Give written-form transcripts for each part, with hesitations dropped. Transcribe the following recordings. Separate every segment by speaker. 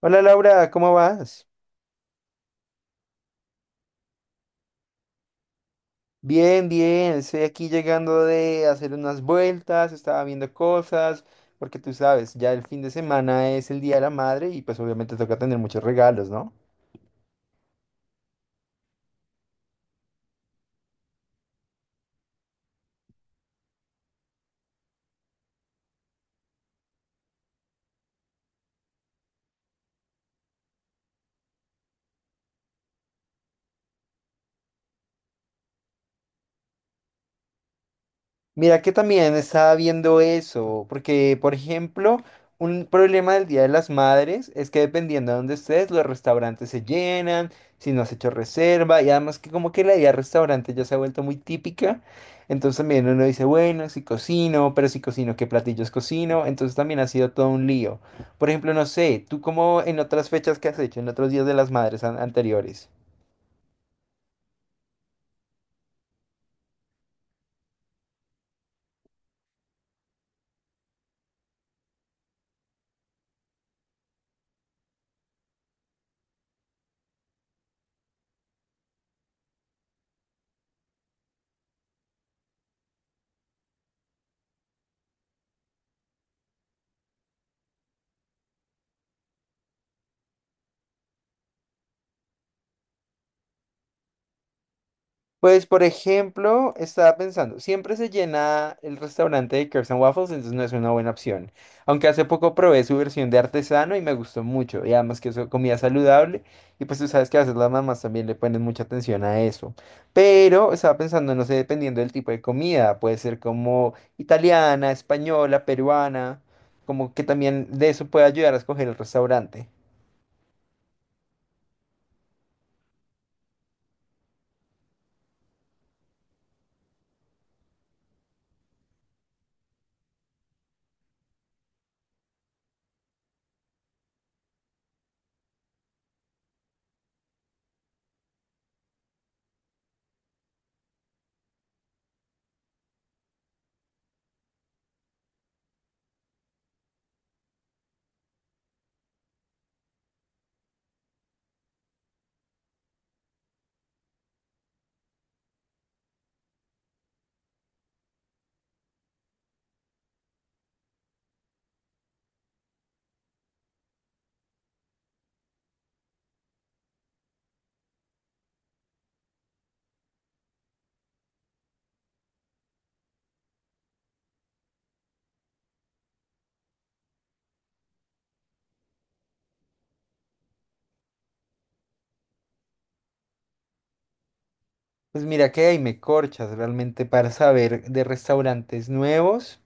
Speaker 1: Hola Laura, ¿cómo vas? Bien, bien, estoy aquí llegando de hacer unas vueltas, estaba viendo cosas, porque tú sabes, ya el fin de semana es el Día de la Madre y pues obviamente toca tener muchos regalos, ¿no? Mira que también estaba viendo eso, porque por ejemplo, un problema del Día de las Madres es que dependiendo de dónde estés, los restaurantes se llenan, si no has hecho reserva, y además que como que la idea de restaurante ya se ha vuelto muy típica, entonces también uno dice, bueno, si cocino, pero si cocino, ¿qué platillos cocino? Entonces también ha sido todo un lío. Por ejemplo, no sé, ¿tú cómo en otras fechas que has hecho, en otros días de las madres anteriores? Pues, por ejemplo, estaba pensando, siempre se llena el restaurante de Crepes and Waffles, entonces no es una buena opción. Aunque hace poco probé su versión de artesano y me gustó mucho, y además que es comida saludable, y pues tú sabes que a veces las mamás también le ponen mucha atención a eso. Pero estaba pensando, no sé, dependiendo del tipo de comida, puede ser como italiana, española, peruana, como que también de eso puede ayudar a escoger el restaurante. Pues mira que ahí me corchas realmente para saber de restaurantes nuevos.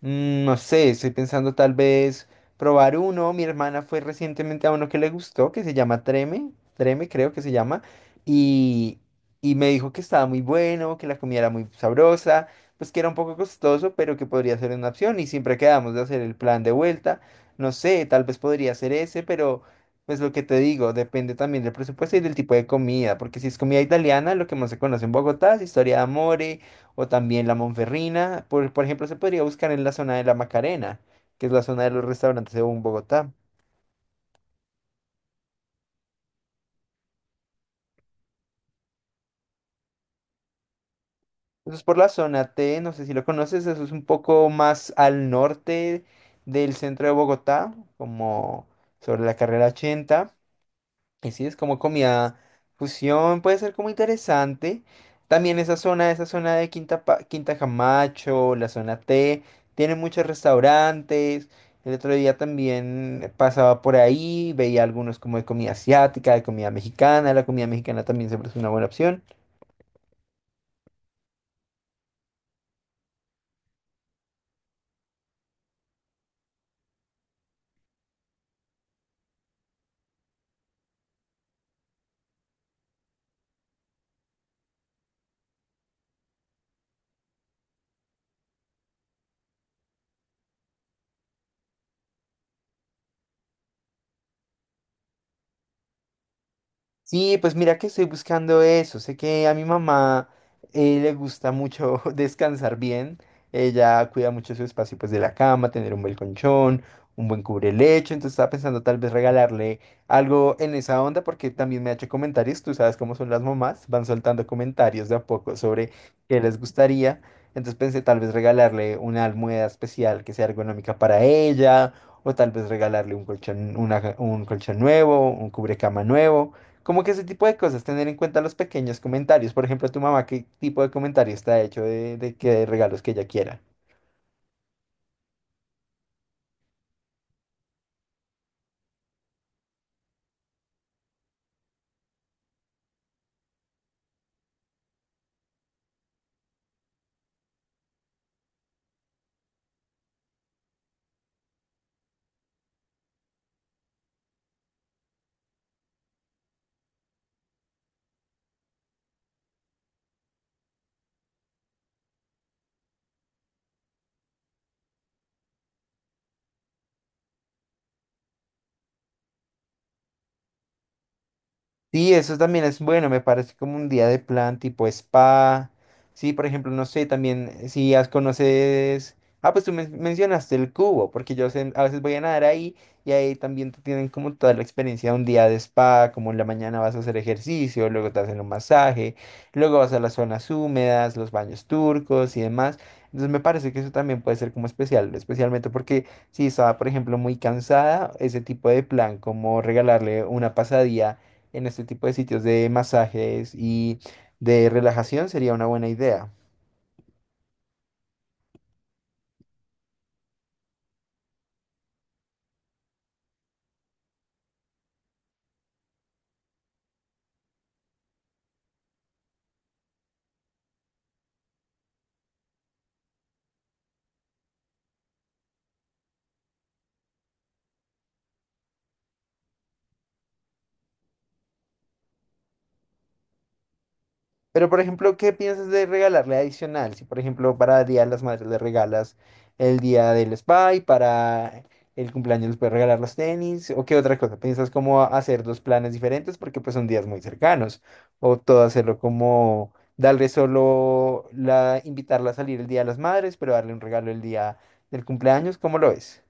Speaker 1: No sé, estoy pensando tal vez probar uno. Mi hermana fue recientemente a uno que le gustó, que se llama Treme, Treme creo que se llama, y, y me dijo que estaba muy bueno, que la comida era muy sabrosa, pues que era un poco costoso, pero que podría ser una opción y siempre quedamos de hacer el plan de vuelta. No sé, tal vez podría ser ese, pero pues lo que te digo, depende también del presupuesto y del tipo de comida, porque si es comida italiana, lo que más se conoce en Bogotá es historia de amor o también la Monferrina. Por ejemplo, se podría buscar en la zona de la Macarena, que es la zona de los restaurantes según Bogotá. Eso es por la zona T, no sé si lo conoces, eso es un poco más al norte del centro de Bogotá, como sobre la carrera 80. Y sí, es como comida fusión, puede ser como interesante. También esa zona de Quinta, Quinta Camacho, la zona T, tiene muchos restaurantes. El otro día también pasaba por ahí, veía algunos como de comida asiática, de comida mexicana. La comida mexicana también siempre es una buena opción. Sí, pues mira que estoy buscando eso. Sé que a mi mamá le gusta mucho descansar bien. Ella cuida mucho su espacio pues de la cama, tener un buen colchón, un buen cubrelecho. Entonces estaba pensando tal vez regalarle algo en esa onda porque también me ha hecho comentarios. Tú sabes cómo son las mamás, van soltando comentarios de a poco sobre qué les gustaría. Entonces pensé tal vez regalarle una almohada especial que sea ergonómica para ella o tal vez regalarle un colchón, un colchón nuevo, un cubrecama nuevo. Como que ese tipo de cosas, tener en cuenta los pequeños comentarios. Por ejemplo, tu mamá, ¿qué tipo de comentario está hecho de qué regalos que ella quiera? Sí, eso también es bueno, me parece como un día de plan tipo spa. Sí, por ejemplo, no sé, también si has conoces... Ah, pues tú mencionaste el cubo, porque yo sé- a veces voy a nadar ahí y ahí también te tienen como toda la experiencia de un día de spa, como en la mañana vas a hacer ejercicio, luego te hacen un masaje, luego vas a las zonas húmedas, los baños turcos y demás. Entonces me parece que eso también puede ser como especial, especialmente porque si estaba, por ejemplo, muy cansada, ese tipo de plan, como regalarle una pasadía en este tipo de sitios de masajes y de relajación sería una buena idea. Pero, por ejemplo, ¿qué piensas de regalarle adicional? Si, por ejemplo, para el Día de las Madres le regalas el día del spa y para el cumpleaños les puedes regalar los tenis, ¿o qué otra cosa? ¿Piensas cómo hacer dos planes diferentes porque pues son días muy cercanos? ¿O todo hacerlo como darle solo la, invitarla a salir el Día de las Madres, pero darle un regalo el día del cumpleaños? ¿Cómo lo ves?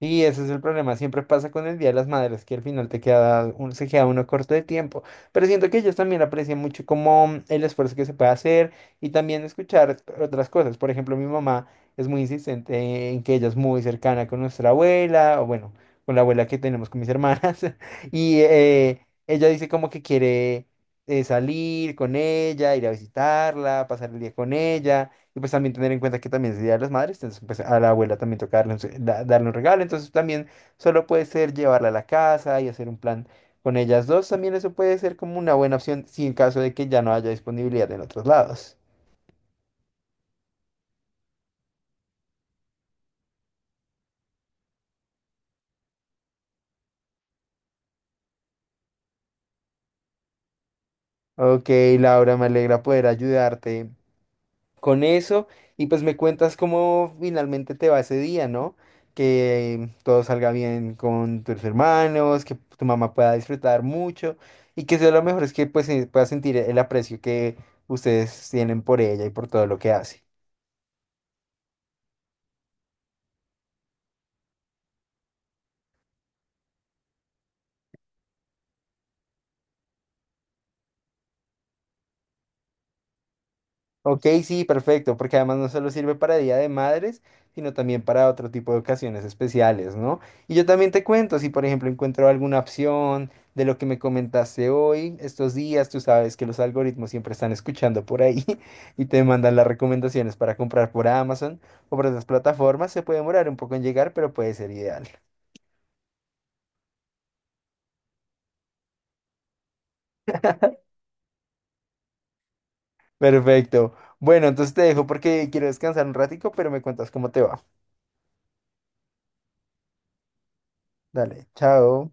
Speaker 1: Y ese es el problema, siempre pasa con el Día de las Madres, que al final te queda se queda uno corto de tiempo, pero siento que ellos también aprecian mucho como el esfuerzo que se puede hacer y también escuchar otras cosas. Por ejemplo, mi mamá es muy insistente en que ella es muy cercana con nuestra abuela, o bueno, con la abuela que tenemos con mis hermanas, y ella dice como que quiere salir con ella, ir a visitarla, pasar el día con ella. Y pues también tener en cuenta que también es el Día de las Madres, entonces pues a la abuela también toca darle un, darle un regalo, entonces también solo puede ser llevarla a la casa y hacer un plan con ellas dos, también eso puede ser como una buena opción si en caso de que ya no haya disponibilidad en otros lados. Ok, Laura, me alegra poder ayudarte con eso y pues me cuentas cómo finalmente te va ese día, ¿no? Que todo salga bien con tus hermanos, que tu mamá pueda disfrutar mucho y que sea lo mejor es que pues pueda sentir el aprecio que ustedes tienen por ella y por todo lo que hace. Ok, sí, perfecto, porque además no solo sirve para Día de Madres, sino también para otro tipo de ocasiones especiales, ¿no? Y yo también te cuento, si por ejemplo encuentro alguna opción de lo que me comentaste hoy, estos días, tú sabes que los algoritmos siempre están escuchando por ahí y te mandan las recomendaciones para comprar por Amazon o por otras plataformas, se puede demorar un poco en llegar, pero puede ser ideal. Perfecto. Bueno, entonces te dejo porque quiero descansar un ratico, pero me cuentas cómo te va. Dale, chao.